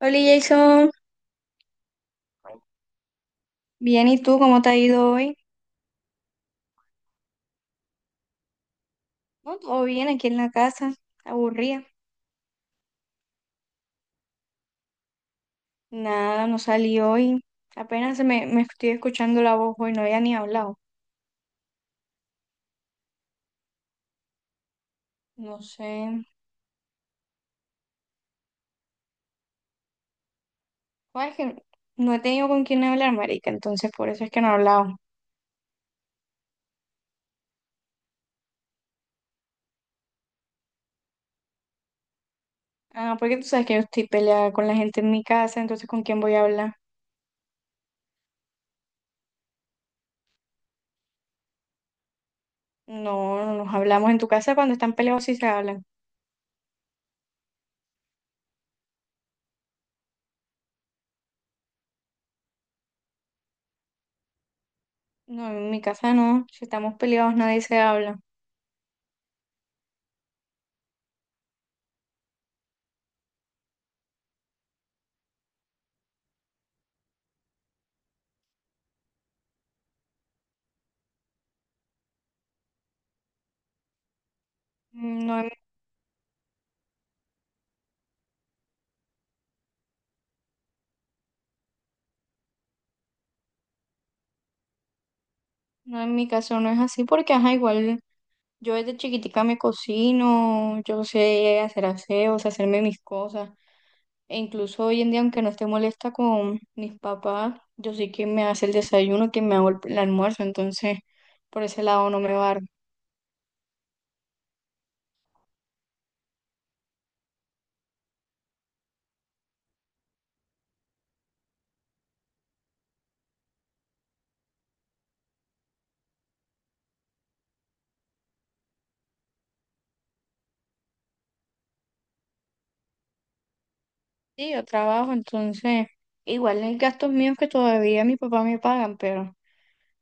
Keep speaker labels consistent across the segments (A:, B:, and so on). A: Hola Jason, bien, ¿y tú cómo te ha ido hoy? No, todo bien aquí en la casa, aburrida. Nada, no salí hoy. Apenas me estoy escuchando la voz hoy, no había ni hablado. No sé. Bueno, es que no he tenido con quién hablar, marica, entonces por eso es que no he hablado. Ah, porque tú sabes que yo estoy peleada con la gente en mi casa, entonces ¿con quién voy a hablar? No, no nos hablamos. En tu casa cuando están peleados sí se hablan. No, en mi casa no, si estamos peleados nadie se habla. No, en- no en mi caso no es así porque, ajá, igual. Yo desde chiquitica me cocino, yo sé hacer aseos, hacerme mis cosas. E incluso hoy en día, aunque no esté molesta con mis papás, yo sí que me hace el desayuno, que me hago el almuerzo. Entonces, por ese lado no me va. Sí, yo trabajo, entonces, igual hay gastos míos que todavía mi papá me pagan, pero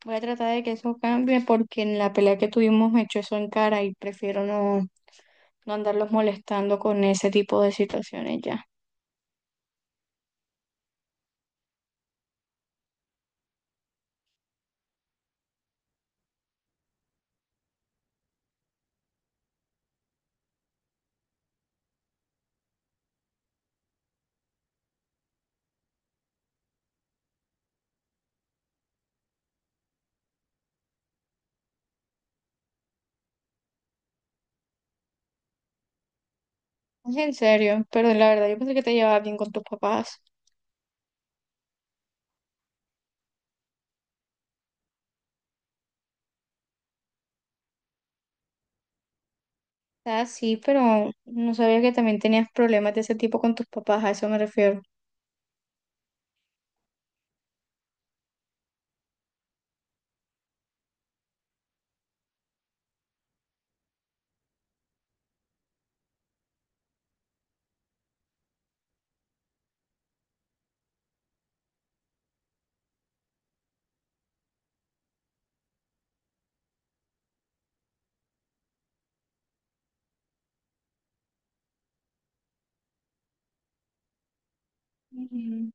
A: voy a tratar de que eso cambie porque en la pelea que tuvimos me echó eso en cara y prefiero no andarlos molestando con ese tipo de situaciones ya. Es en serio, pero la verdad yo pensé que te llevabas bien con tus papás. Ah, sí, pero no sabía que también tenías problemas de ese tipo con tus papás, a eso me refiero. Ujú.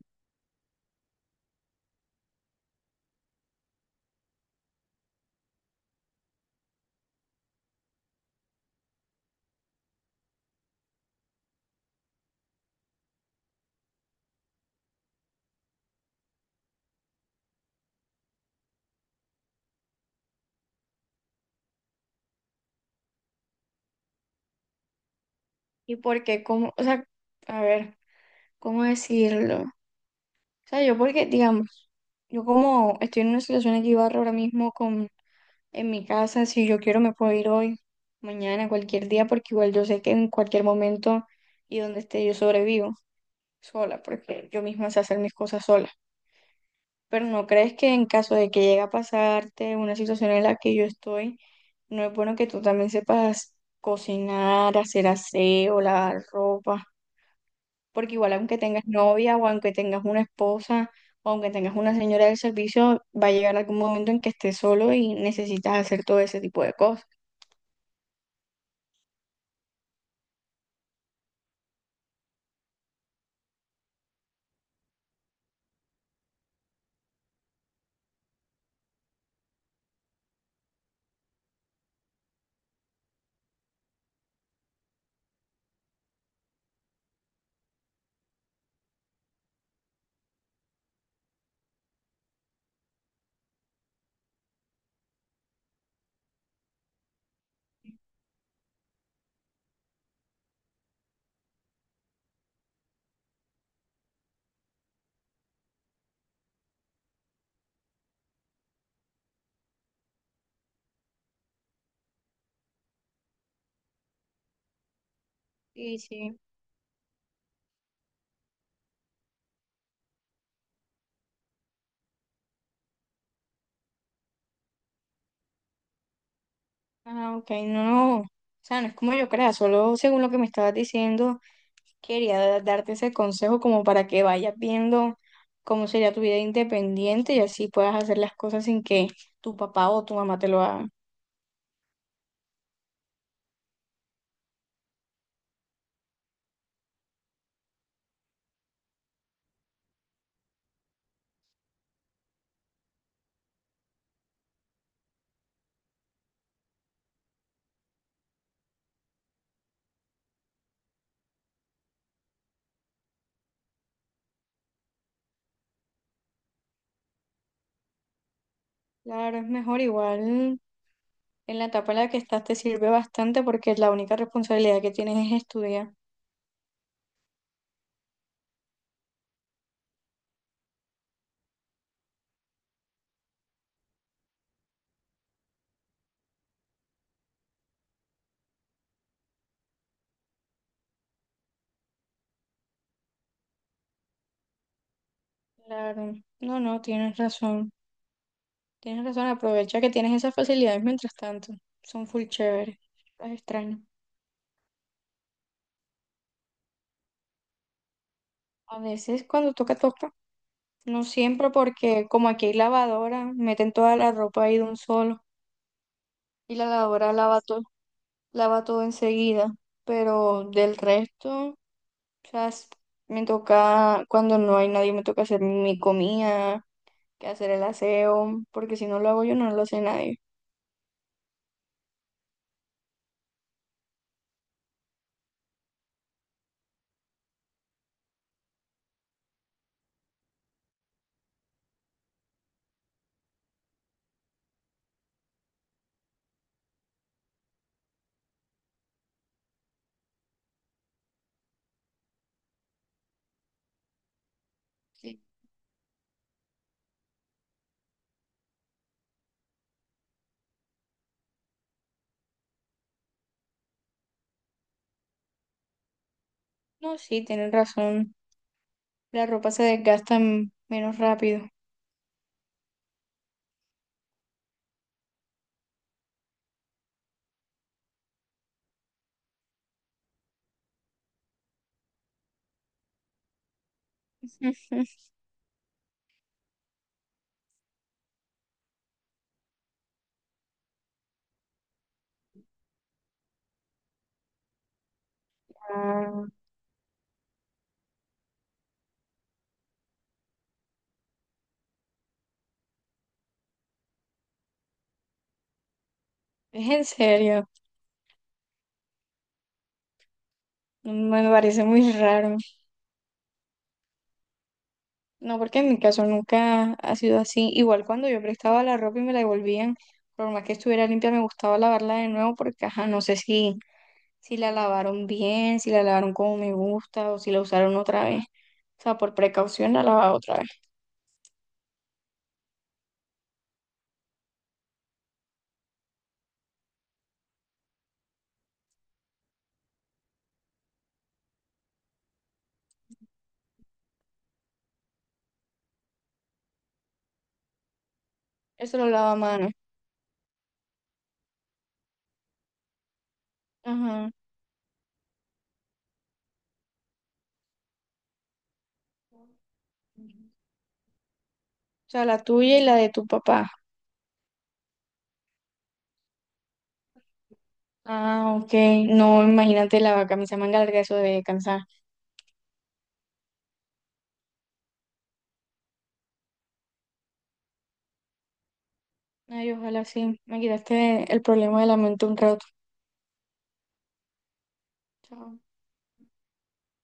A: ¿Y por qué? ¿Cómo? O sea, a ver, ¿cómo decirlo? O sea, yo porque, digamos, yo como estoy en una situación equivalente ahora mismo con, en mi casa, si yo quiero me puedo ir hoy, mañana, cualquier día, porque igual yo sé que en cualquier momento y donde esté yo sobrevivo sola, porque yo misma sé hacer mis cosas sola. Pero ¿no crees que en caso de que llegue a pasarte una situación en la que yo estoy, no es bueno que tú también sepas cocinar, hacer aseo, lavar ropa? Porque igual aunque tengas novia o aunque tengas una esposa o aunque tengas una señora del servicio, va a llegar algún momento en que estés solo y necesitas hacer todo ese tipo de cosas. Sí, sí. Ah, ok, no, no. O sea, no es como yo crea, solo según lo que me estabas diciendo. Quería darte ese consejo como para que vayas viendo cómo sería tu vida independiente y así puedas hacer las cosas sin que tu papá o tu mamá te lo hagan. Claro, es mejor igual. En la etapa en la que estás te sirve bastante porque la única responsabilidad que tienes es estudiar. Claro, no, no, tienes razón. Tienes razón, aprovecha que tienes esas facilidades mientras tanto. Son full chéveres. Es extraño. A veces cuando toca, toca. No siempre porque como aquí hay lavadora, meten toda la ropa ahí de un solo. Y la lavadora lava todo enseguida, pero del resto, o sea, me toca, cuando no hay nadie, me toca hacer mi comida, que hacer el aseo, porque si no lo hago yo, no lo hace nadie. Sí. No, sí, tienen razón, la ropa se desgasta menos rápido. Ah, es en serio, me parece muy raro. No, porque en mi caso nunca ha sido así. Igual cuando yo prestaba la ropa y me la devolvían, por más que estuviera limpia, me gustaba lavarla de nuevo porque, ajá, no sé si la lavaron bien, si la lavaron como me gusta o si la usaron otra vez. O sea, por precaución la lavaba otra vez. Eso lo lava a mano. Ajá. O sea, la tuya y la de tu papá. Ah, ok. No, imagínate la camisa manga larga, eso debe cansar. Ay, ojalá sí. Me quitaste el problema de la mente un rato. Chao.